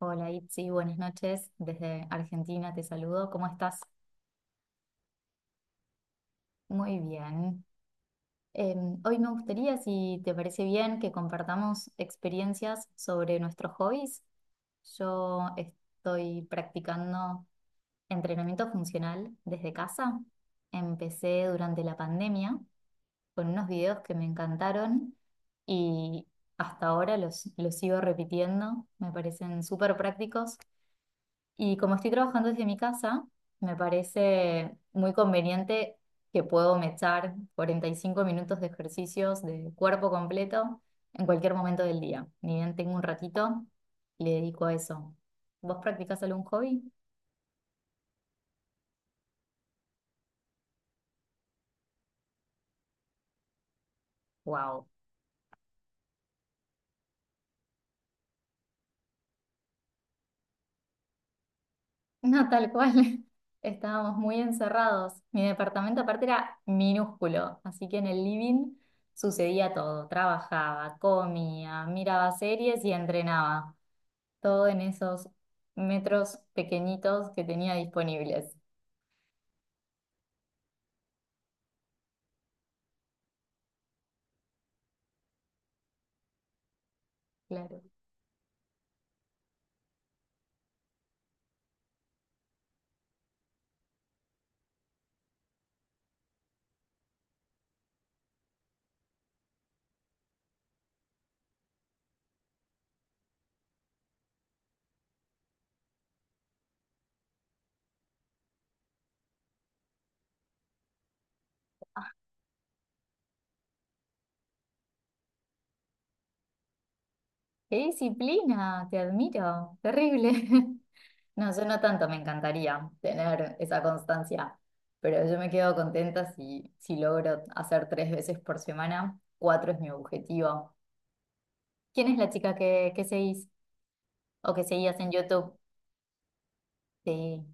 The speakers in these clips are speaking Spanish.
Hola Itzi, buenas noches. Desde Argentina te saludo. ¿Cómo estás? Muy bien. Hoy me gustaría, si te parece bien, que compartamos experiencias sobre nuestros hobbies. Yo estoy practicando entrenamiento funcional desde casa. Empecé durante la pandemia con unos videos que me encantaron y hasta ahora los sigo repitiendo. Me parecen súper prácticos. Y como estoy trabajando desde mi casa, me parece muy conveniente que puedo me echar 45 minutos de ejercicios de cuerpo completo en cualquier momento del día. Ni bien tengo un ratito, le dedico a eso. ¿Vos practicás algún hobby? ¡Wow! No, tal cual. Estábamos muy encerrados. Mi departamento aparte era minúsculo, así que en el living sucedía todo. Trabajaba, comía, miraba series y entrenaba, todo en esos metros pequeñitos que tenía disponibles. Claro. ¡Qué disciplina! Te admiro. Terrible. No, yo no tanto, me encantaría tener esa constancia, pero yo me quedo contenta si logro hacer tres veces por semana. Cuatro es mi objetivo. ¿Quién es la chica que seguís o que seguías en YouTube? Sí.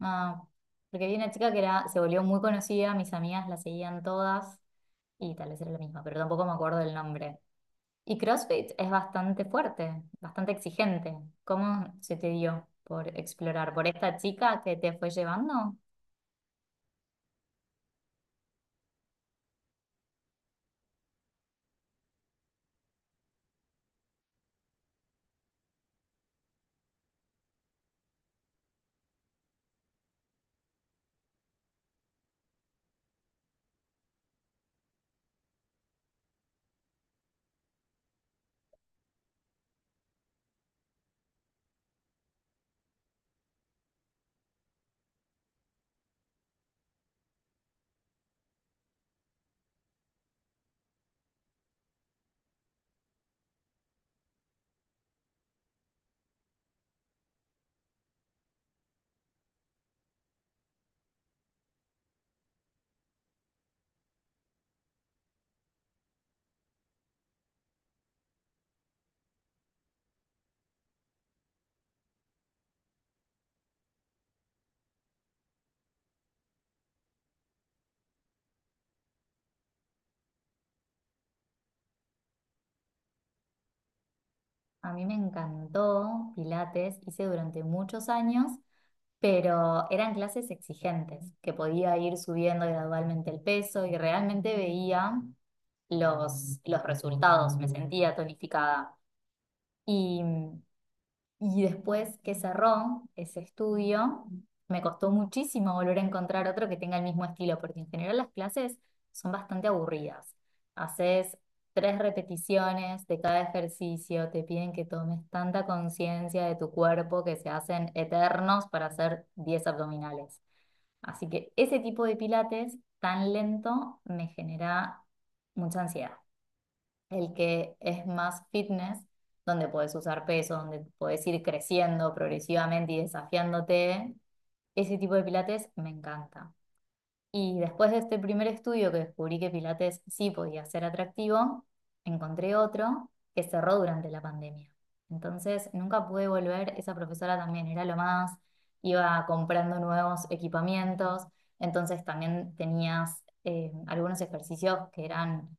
Ah, porque vi una chica que era, se volvió muy conocida, mis amigas la seguían todas y tal vez era la misma, pero tampoco me acuerdo el nombre. Y CrossFit es bastante fuerte, bastante exigente. ¿Cómo se te dio por explorar? ¿Por esta chica que te fue llevando? A mí me encantó Pilates, hice durante muchos años, pero eran clases exigentes, que podía ir subiendo gradualmente el peso y realmente veía los resultados, me sentía tonificada. Y Y después que cerró ese estudio, me costó muchísimo volver a encontrar otro que tenga el mismo estilo, porque en general las clases son bastante aburridas. Haces tres repeticiones de cada ejercicio, te piden que tomes tanta conciencia de tu cuerpo que se hacen eternos para hacer 10 abdominales. Así que ese tipo de pilates tan lento me genera mucha ansiedad. El que es más fitness, donde podés usar peso, donde podés ir creciendo progresivamente y desafiándote. Ese tipo de pilates me encanta. Y después de este primer estudio que descubrí que pilates sí podía ser atractivo, encontré otro que cerró durante la pandemia. Entonces nunca pude volver, esa profesora también era lo más, iba comprando nuevos equipamientos, entonces también tenías algunos ejercicios que eran,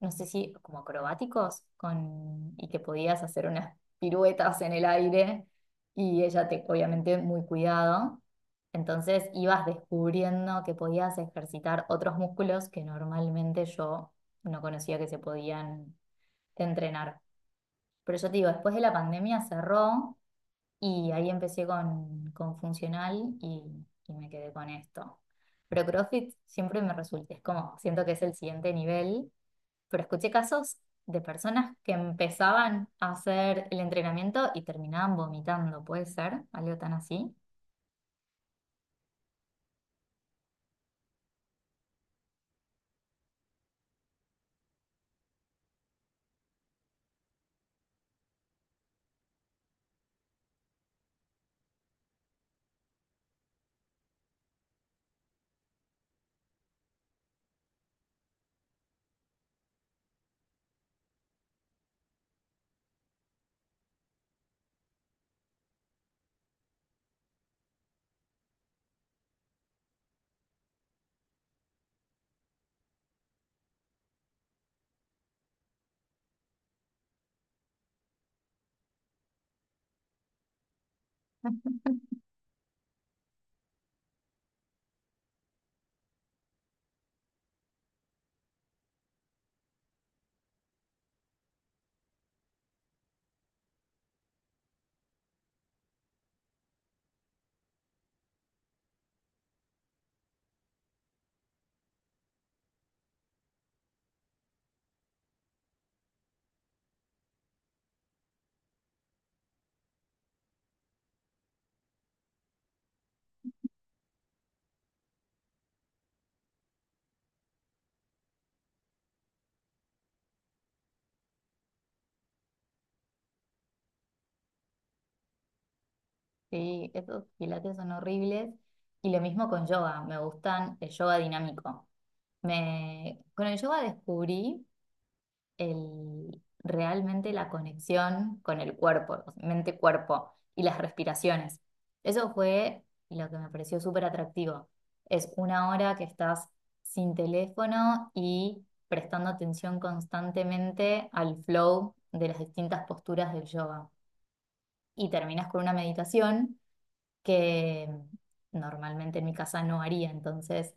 no sé si como acrobáticos, con, y que podías hacer unas piruetas en el aire y ella te, obviamente muy cuidado. Entonces ibas descubriendo que podías ejercitar otros músculos que normalmente yo no conocía que se podían entrenar. Pero yo te digo, después de la pandemia cerró y ahí empecé con funcional y me quedé con esto. Pero CrossFit siempre me resulta, es como, siento que es el siguiente nivel, pero escuché casos de personas que empezaban a hacer el entrenamiento y terminaban vomitando. ¿Puede ser? ¿Algo tan así? Sí, esos pilates son horribles. Y lo mismo con yoga, me gustan el yoga dinámico. Me... Con el yoga descubrí el, realmente la conexión con el cuerpo, mente-cuerpo y las respiraciones. Eso fue lo que me pareció súper atractivo. Es una hora que estás sin teléfono y prestando atención constantemente al flow de las distintas posturas del yoga. Y terminas con una meditación que normalmente en mi casa no haría, entonces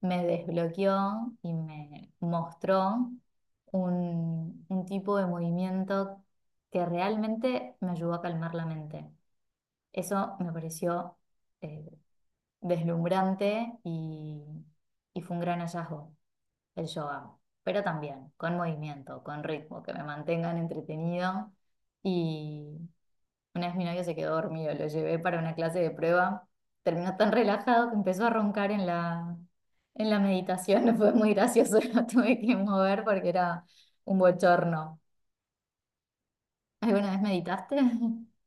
me desbloqueó y me mostró un tipo de movimiento que realmente me ayudó a calmar la mente. Eso me pareció eh, deslumbrante y fue un gran hallazgo el yoga, pero también con movimiento, con ritmo, que me mantengan entretenido. Y una vez mi novio se quedó dormido, lo llevé para una clase de prueba. Terminó tan relajado que empezó a roncar en la meditación. Fue muy gracioso, lo tuve que mover porque era un bochorno. ¿Alguna vez meditaste?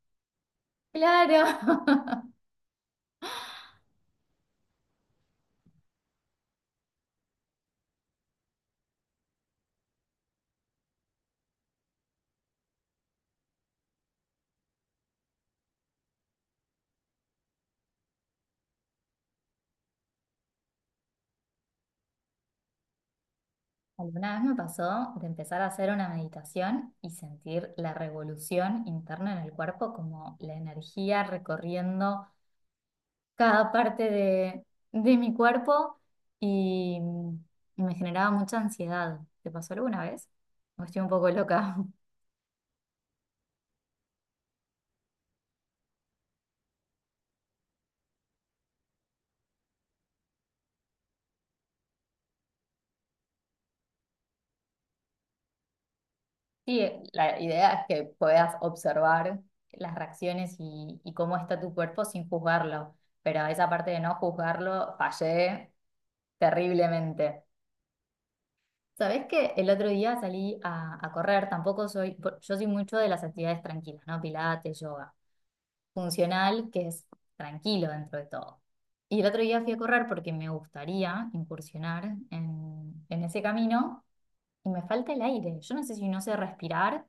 Claro. Alguna vez me pasó de empezar a hacer una meditación y sentir la revolución interna en el cuerpo, como la energía recorriendo cada parte de mi cuerpo y, y me generaba mucha ansiedad. ¿Te pasó alguna vez? ¿O estoy un poco loca? Sí, la idea es que puedas observar las reacciones y cómo está tu cuerpo sin juzgarlo, pero esa parte de no juzgarlo fallé terriblemente. Sabés que el otro día salí a correr, tampoco soy, yo soy mucho de las actividades tranquilas, ¿no? Pilates, yoga, funcional, que es tranquilo dentro de todo. Y el otro día fui a correr porque me gustaría incursionar en ese camino y me falta el aire. Yo no sé si no sé respirar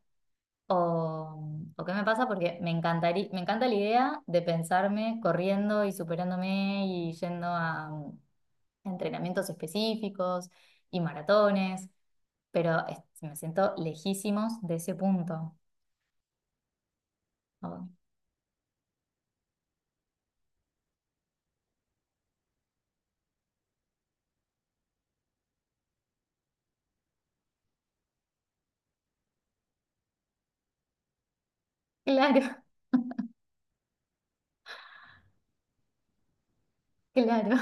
o qué me pasa, porque me encantaría, me encanta la idea de pensarme corriendo y superándome y yendo a entrenamientos específicos y maratones, pero me siento lejísimos de ese punto. Oh, claro. Claro.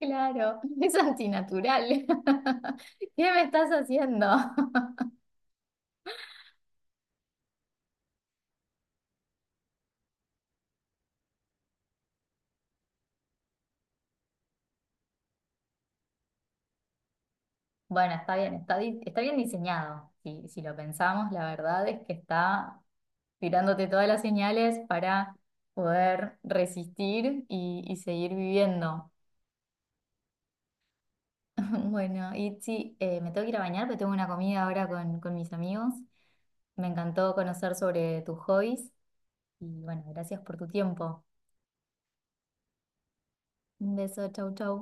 Claro, es antinatural. ¿Qué me estás haciendo? Bueno, está bien, está, está bien diseñado. Si si lo pensamos, la verdad es que está tirándote todas las señales para poder resistir y seguir viviendo. Bueno, Itzi, me tengo que ir a bañar, pero tengo una comida ahora con mis amigos. Me encantó conocer sobre tus hobbies y bueno, gracias por tu tiempo. Un beso, chau, chau.